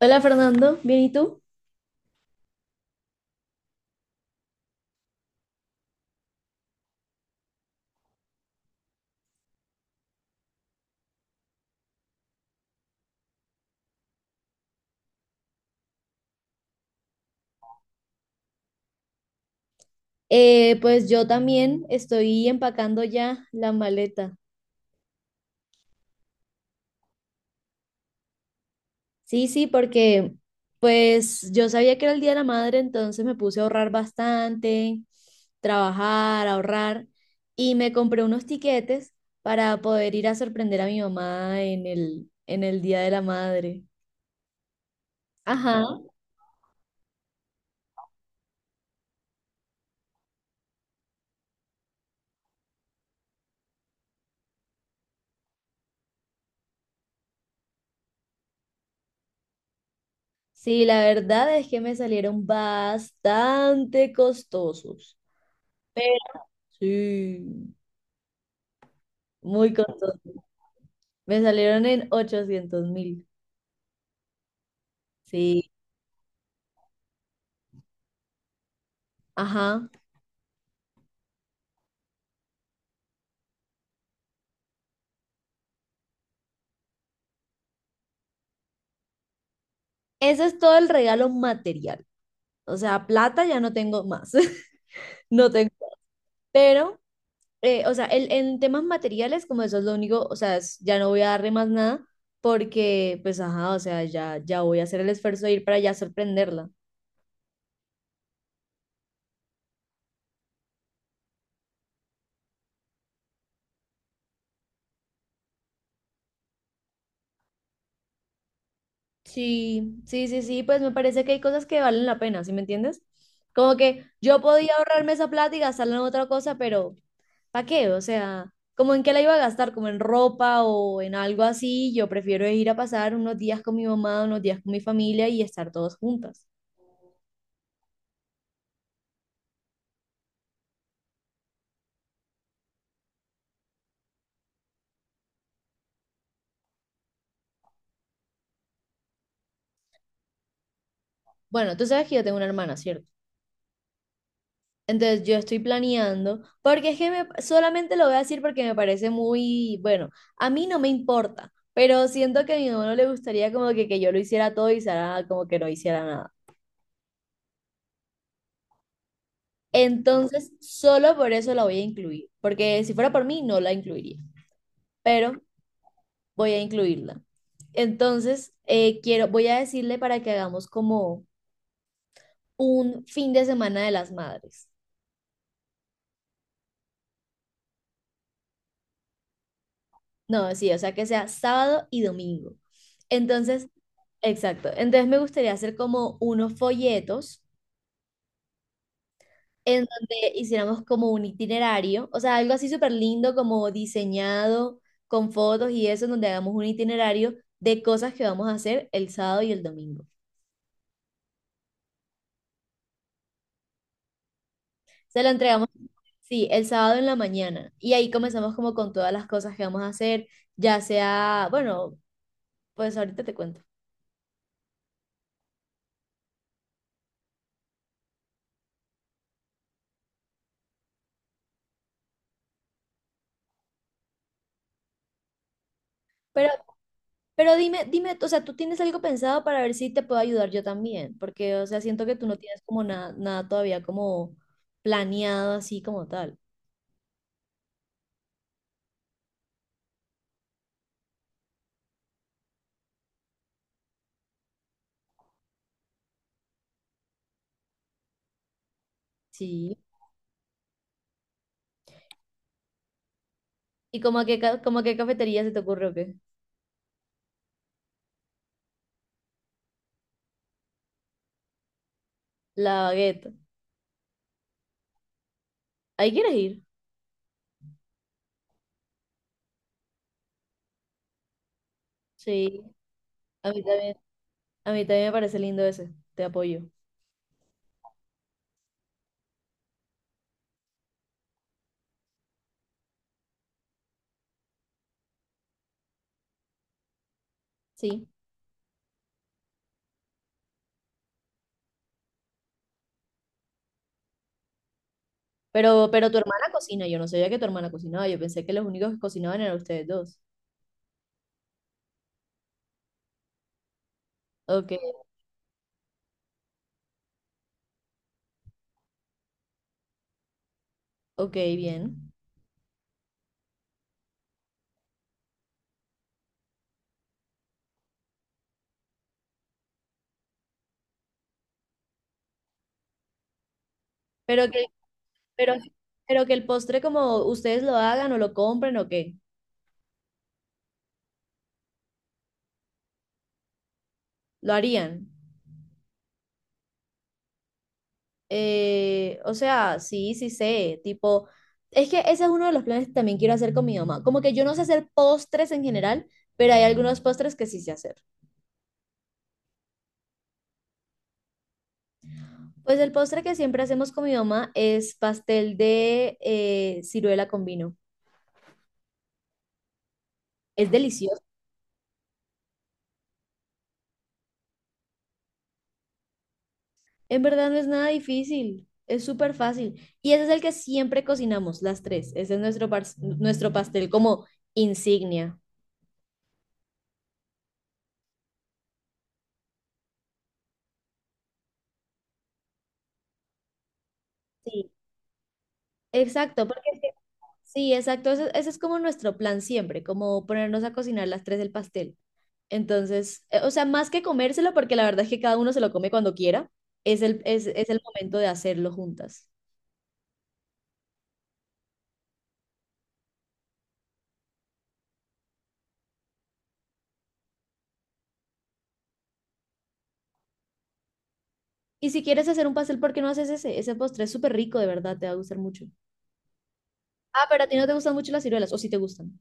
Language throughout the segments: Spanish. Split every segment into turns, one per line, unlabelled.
Hola Fernando, ¿bien y tú? Pues yo también estoy empacando ya la maleta. Sí, sí, porque pues yo sabía que era el Día de la Madre, entonces me puse a ahorrar bastante, trabajar, ahorrar y me compré unos tiquetes para poder ir a sorprender a mi mamá en el Día de la Madre. Ajá. Sí, la verdad es que me salieron bastante costosos. Pero sí, muy costosos. Me salieron en 800.000. Sí, ajá. Ese es todo el regalo material. O sea, plata ya no tengo más. No tengo. Pero, o sea, en temas materiales, como eso es lo único, o sea, ya no voy a darle más nada porque, pues, ajá, o sea, ya voy a hacer el esfuerzo de ir para allá sorprenderla. Sí, sí, sí, sí, pues me parece que hay cosas que valen la pena, ¿sí me entiendes? Como que yo podía ahorrarme esa plata y gastarla en otra cosa, pero ¿para qué? O sea, como en qué la iba a gastar, como en ropa o en algo así, yo prefiero ir a pasar unos días con mi mamá, unos días con mi familia y estar todos juntas. Bueno, tú sabes que yo tengo una hermana, ¿cierto? Entonces yo estoy planeando, porque es que solamente lo voy a decir porque me parece bueno, a mí no me importa, pero siento que a mi mamá no le gustaría como que yo lo hiciera todo y Sara como que no hiciera nada. Entonces, solo por eso la voy a incluir, porque si fuera por mí, no la incluiría. Pero voy a incluirla. Entonces, voy a decirle para que hagamos como un fin de semana de las madres. No, sí, o sea, que sea sábado y domingo. Entonces, exacto. Entonces me gustaría hacer como unos folletos en donde hiciéramos como un itinerario, o sea, algo así súper lindo, como diseñado con fotos y eso, en donde hagamos un itinerario de cosas que vamos a hacer el sábado y el domingo. Se lo entregamos, sí, el sábado en la mañana. Y ahí comenzamos como con todas las cosas que vamos a hacer, ya sea, bueno, pues ahorita te cuento. Pero, pero dime, dime, o sea, ¿tú tienes algo pensado para ver si te puedo ayudar yo también? Porque, o sea, siento que tú no tienes como nada, nada todavía como planeado así como tal. Sí. ¿Y como a qué cafetería se te ocurre o qué? La Baguette. ¿Ahí quieres ir? Sí. A mí también, a mí también me parece lindo ese. Te apoyo. Sí. Pero tu hermana cocina, yo no sabía que tu hermana cocinaba, yo pensé que los únicos que cocinaban eran ustedes dos. Ok, ok, bien. Pero que, pero, pero que el postre como ustedes lo hagan o lo compren o qué, lo harían. O sea, sí, sí sé, tipo, es que ese es uno de los planes que también quiero hacer con mi mamá. Como que yo no sé hacer postres en general, pero hay algunos postres que sí sé hacer. Pues el postre que siempre hacemos con mi mamá es pastel de ciruela con vino. Es delicioso. En verdad no es nada difícil, es súper fácil. Y ese es el que siempre cocinamos, las tres. Ese es nuestro pastel como insignia. Sí, exacto, porque sí, exacto, ese es como nuestro plan siempre, como ponernos a cocinar las tres el pastel. Entonces, o sea, más que comérselo, porque la verdad es que cada uno se lo come cuando quiera, es el momento de hacerlo juntas. Y si quieres hacer un pastel, ¿por qué no haces ese? Ese postre es súper rico, de verdad, te va a gustar mucho. Ah, pero a ti no te gustan mucho las ciruelas, o si te gustan.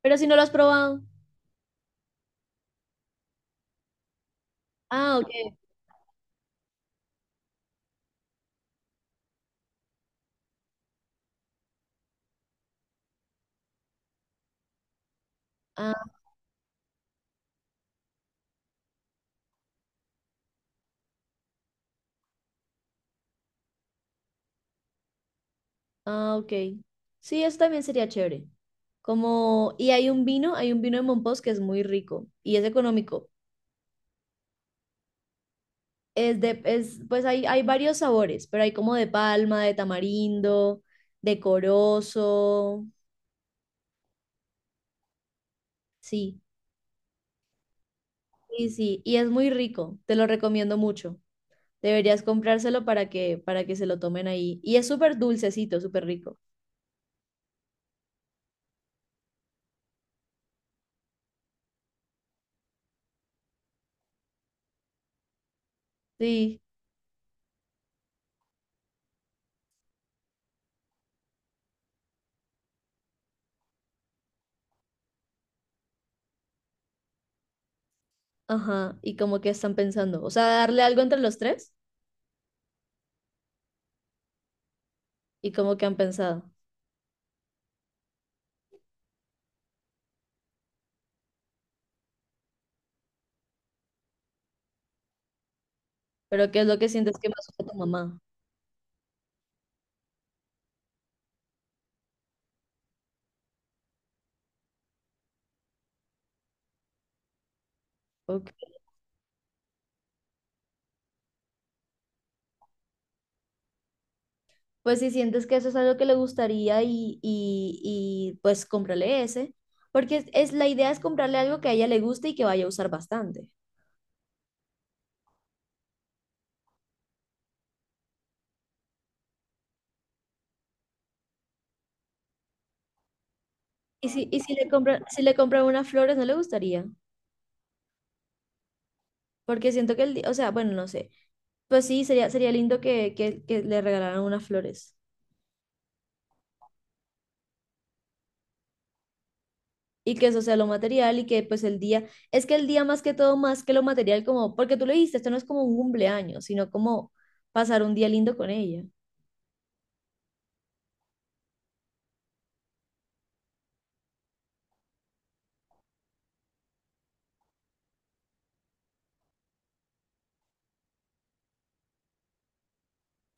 Pero si no lo has probado. Ah, ok. Ah, ah, ok. Sí, eso también sería chévere. Como, y hay un vino de Mompox que es muy rico y es económico. Es de, es, pues hay varios sabores, pero hay como de palma, de tamarindo, de corozo. Sí, sí, sí. Y es muy rico. Te lo recomiendo mucho. Deberías comprárselo para que se lo tomen ahí. Y es súper dulcecito, súper rico. Sí, ajá. ¿Y como que están pensando? O sea, darle algo entre los tres y como que han pensado. Pero ¿qué es lo que sientes que más usa tu mamá? Ok. Pues si sientes que eso es algo que le gustaría y, pues cómprale ese, porque la idea es comprarle algo que a ella le guste y que vaya a usar bastante. Y si le compran unas flores, no le gustaría, porque siento que o sea, bueno, no sé, pues sí, sería, sería lindo que, que le regalaran unas flores y que eso sea lo material y que pues el día, es que el día más que todo, más que lo material, como, porque tú le dijiste, esto no es como un cumpleaños, sino como pasar un día lindo con ella.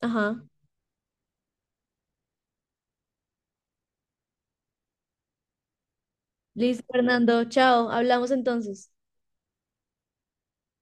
Ajá. Listo, Fernando. Chao. Hablamos entonces.